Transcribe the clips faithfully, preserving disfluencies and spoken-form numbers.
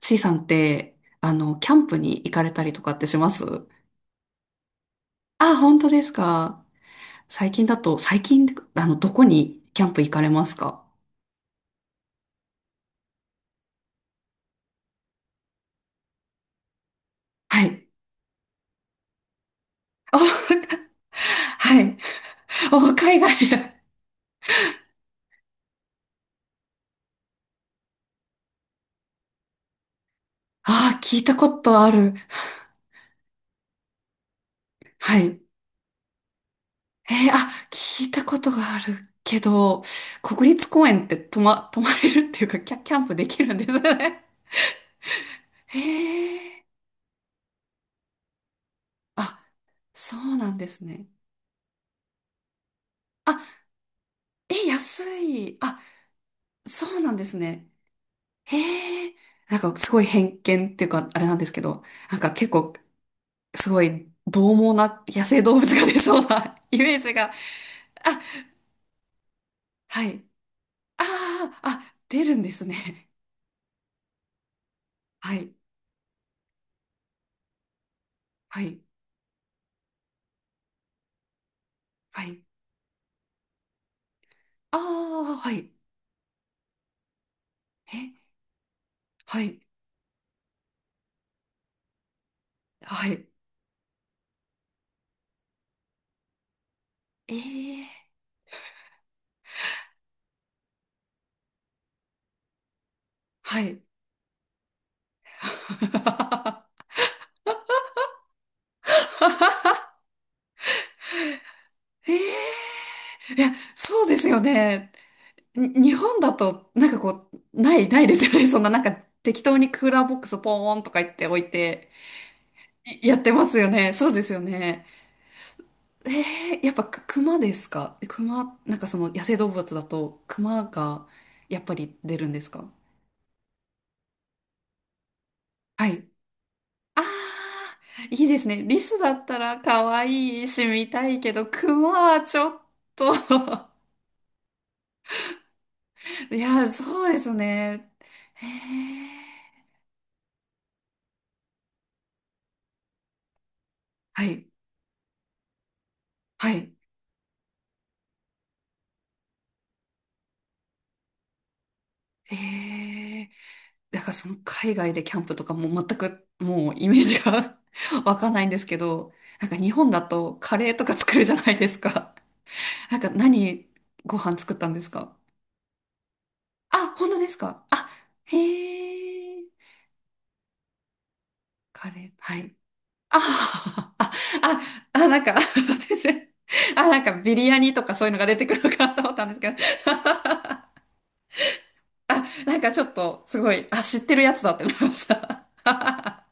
C さんって、あの、キャンプに行かれたりとかってします？あ、本当ですか。最近だと、最近、あの、どこにキャンプ行かれますか？はい。お、はい。お、海外。ああ、聞いたことある。はい。えーあ、聞いたことがあるけど、国立公園って泊ま、泊まれるっていうか、キャ、キャンプできるんですね。へえ。あ、そうなんですね。あ、え、安い。あ、そうなんですね。へえ、なんかすごい偏見っていうか、あれなんですけど、なんか結構すごい獰猛な野生動物が出そうな イメージが、あ、はい。ああ、あ、出るんですね。はい、はい、はい。ああ、はい。え、はい、はい。ええ、はい。ええ、いや、そうですよね。に日本だと、なんかこう、ない、ないですよね。そんななんか適当にクーラーボックスポーンとか言っておいて、いやってますよね。そうですよね。えー、やっぱく、熊ですか、熊、なんかその野生動物だと熊がやっぱり出るんですか？はい。あー、いいですね。リスだったら可愛いし見たいけど、熊はちょっと。 いや、そうですね。えー、はい、はい。えーだからその海外でキャンプとかもう全くもうイメージが わかんないんですけど、なんか日本だとカレーとか作るじゃないですか。なんか何ご飯作ったんですか？あ、本当ですか。あ、へえ、カレー、はい。あ、あ、あ、あ、なんか 全然、あ、なんかビリヤニとかそういうのが出てくるのかなと思ったんですけど、あ、なんかちょっとすごい、あ、知ってるやつだってなりました。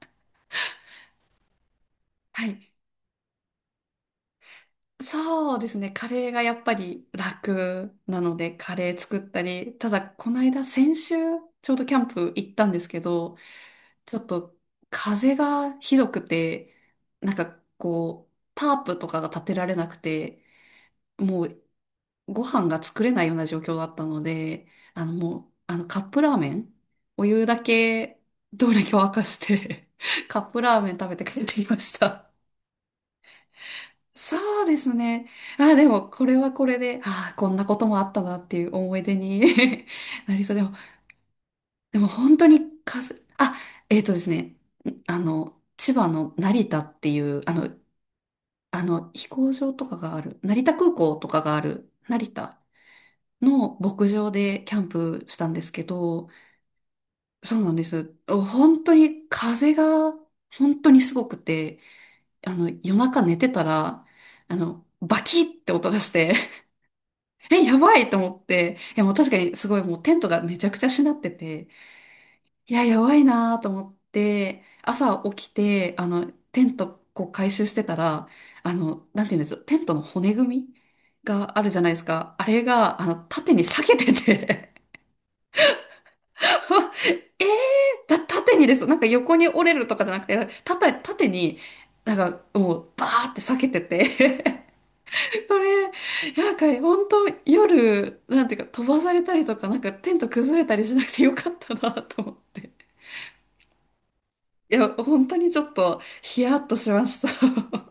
はい。そうですね。カレーがやっぱり楽なので、カレー作ったり、ただ、この間、先週、ちょうどキャンプ行ったんですけど、ちょっと、風がひどくて、なんかこう、タープとかが立てられなくて、もう、ご飯が作れないような状況だったので、あの、もう、あの、カップラーメン、お湯だけ、どれか沸かして カップラーメン食べて帰ってきました。そうですね。あ、でも、これはこれで、ああ、こんなこともあったなっていう思い出に なりそう。でも、でも本当にかす、あ、えっとですね、あの、千葉の成田っていう、あの、あの、飛行場とかがある、成田空港とかがある、成田の牧場でキャンプしたんですけど、そうなんです。本当に風が本当にすごくて、あの、夜中寝てたら、あの、バキって音がして え、やばいと思って、いやもう確かにすごいもうテントがめちゃくちゃしなってて、いや、やばいなーと思って、朝起きて、あの、テントこう回収してたら、あの、なんて言うんですよ、テントの骨組みがあるじゃないですか。あれが、あの、縦に裂けてて。 えー、だ、縦にです。なんか横に折れるとかじゃなくて、縦、縦に、なんかもうバーって裂けてて、それ、なんか本当夜、なんていうか飛ばされたりとか、なんかテント崩れたりしなくてよかったなと思って。いや、本当にちょっとヒヤッとしました。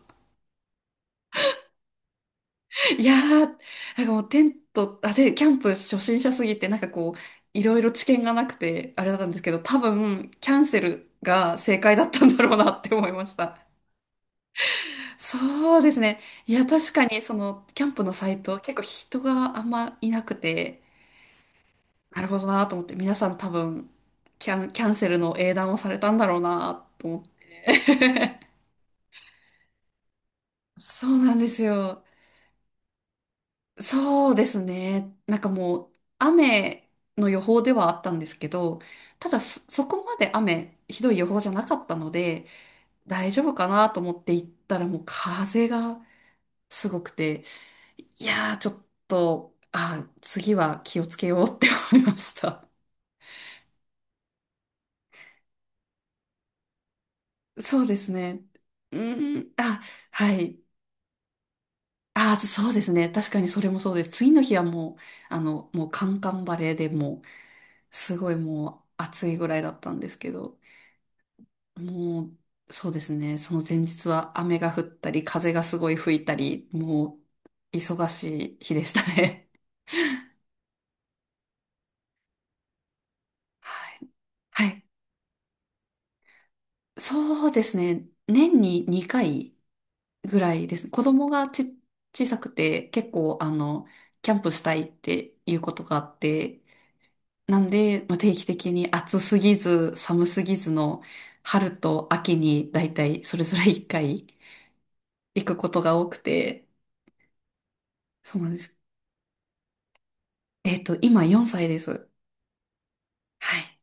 いやー、なんかもうテント、あ、で、キャンプ初心者すぎて、なんかこう、いろいろ知見がなくて、あれだったんですけど、多分、キャンセルが正解だったんだろうなって思いました。そうですね。いや、確かに、その、キャンプのサイト、結構人があんまいなくて、なるほどなと思って、皆さん多分、キャン、キャンセルの英断をされたんだろうなと思って。そうなんですよ。そうですね。なんかもう、雨の予報ではあったんですけど、ただそ、そこまで雨、ひどい予報じゃなかったので、大丈夫かなと思って行ったらもう風がすごくて、いやーちょっと、あー、次は気をつけようって思いました。そうですね。うーん、あ、はい。ああ、そうですね。確かにそれもそうです。次の日はもう、あの、もうカンカンバレーでもう、すごいもう暑いぐらいだったんですけど、もう、そうですね。その前日は雨が降ったり、風がすごい吹いたり、もう、忙しい日でしたね。はい。はい。そうですね。年ににかいぐらいですね。子供がち、小さくて、結構、あの、キャンプしたいっていうことがあって、なんで、まあ、定期的に暑すぎず寒すぎずの春と秋にだいたいそれぞれいっかい行くことが多くて、そうなんです。えっと、今よんさいです。はい。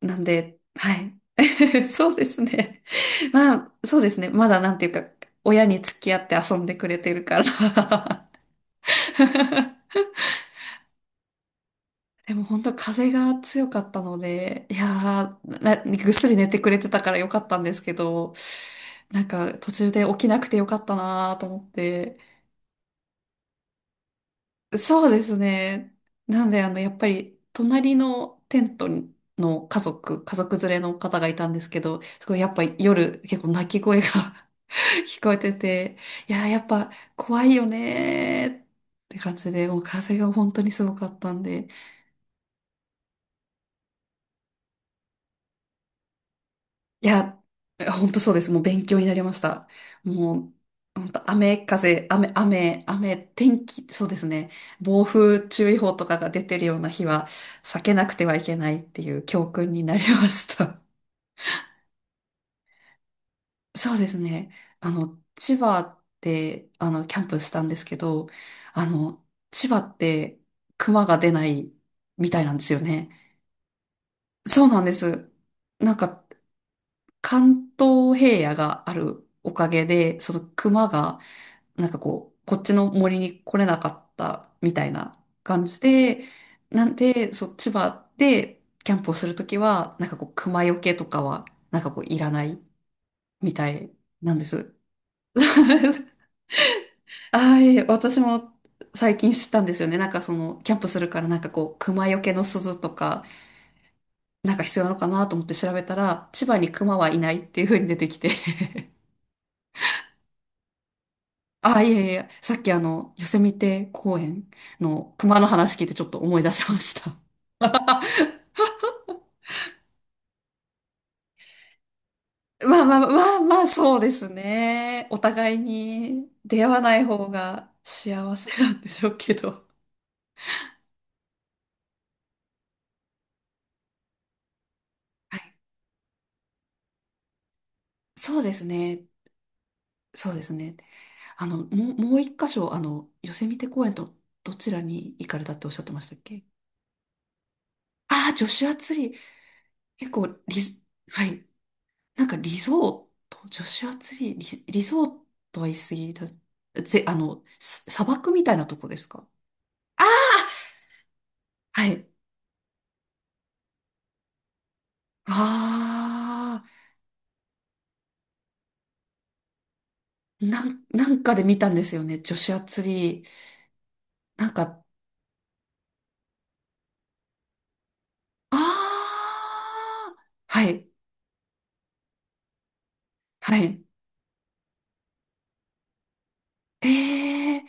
なんで、はい。そうですね。まあ、そうですね。まだなんていうか、親に付き合って遊んでくれてるから。 でも本当風が強かったので、いやー、なぐっすり寝てくれてたからよかったんですけど、なんか途中で起きなくてよかったなーと思って。そうですね。なんであの、やっぱり隣のテントの家族、家族連れの方がいたんですけど、すごいやっぱ夜結構泣き声が 聞こえてて、いやーやっぱ怖いよねーって感じで、もう風が本当にすごかったんで、いや、本当そうです。もう勉強になりました。もう、本当雨風、雨、雨、雨、天気、そうですね。暴風注意報とかが出てるような日は避けなくてはいけないっていう教訓になりました。そうですね。あの、千葉で、あの、キャンプしたんですけど、あの、千葉って熊が出ないみたいなんですよね。そうなんです。なんか関東平野があるおかげで、その熊が、なんかこう、こっちの森に来れなかったみたいな感じで、なんで、そう、千葉でキャンプをするときは、なんかこう、熊よけとかは、なんかこう、いらないみたいなんです。ああ、いえ、私も最近知ったんですよね。なんかその、キャンプするからなんかこう、熊よけの鈴とか、なんか必要なのかなと思って調べたら、千葉に熊はいないっていう風に出てきて、あ、いやいやいや、さっきあの、ヨセミテ公園の熊の話聞いてちょっと思い出しました。まあまあまあまあ、そうですね。お互いに出会わない方が幸せなんでしょうけど。はい、そうですね。そうですね。あの、もう、もう一箇所、あの、ヨセミテ公園とどちらに行かれたっておっしゃってましたっけ？ああー、ジョシュアツリー。結構リス、はい。なんかリゾート、女子アツリ、リ、リゾートは言い過ぎだ。ぜ、あの、す砂漠みたいなとこですか？あ、はい。ああ、なん、なんかで見たんですよね。女子アツリー。なんか、ああ、はい、はい。ええ、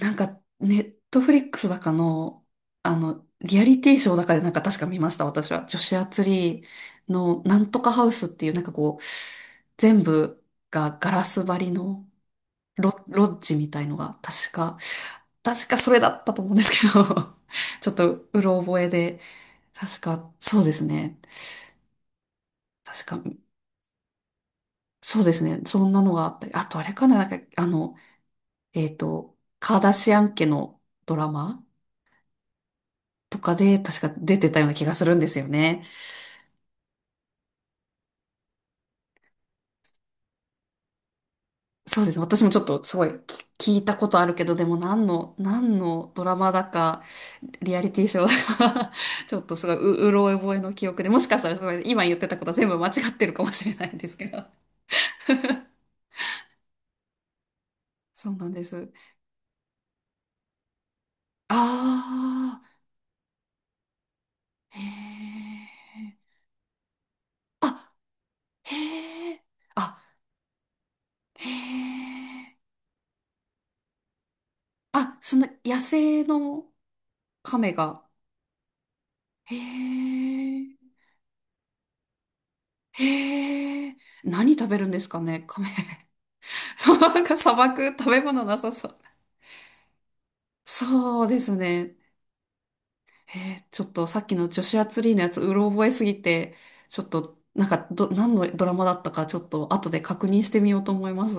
なんか、ネットフリックスだかの、あの、リアリティショーだかでなんか確か見ました、私は。女子アツリーのなんとかハウスっていう、なんかこう、全部がガラス張りのロ、ロッジみたいのが、確か、確かそれだったと思うんですけど、ちょっとうろ覚えで、確か、そうですね。確か、そうですね。そんなのがあったり、あとあれかな、なんか、あの、えっと、カーダシアン家のドラマとかで確か出てたような気がするんですよね。そうですね。私もちょっとすごいき聞いたことあるけど、でも何の、何のドラマだか、リアリティショーだか ちょっとすごい、う、うろ覚えの記憶で、もしかしたらすごい、今言ってたことは全部間違ってるかもしれないんですけど。そうなんです。あー、へー。あ、へー。あ、へー。あ、そんな野生の亀が。へー。へえ、何食べるんですかね、カメ。なんか砂漠、食べ物なさそう。そうですね。えー、ちょっとさっきの女子アツリーのやつ、うろ覚えすぎて、ちょっと、なんか、ど、何のドラマだったか、ちょっと後で確認してみようと思います。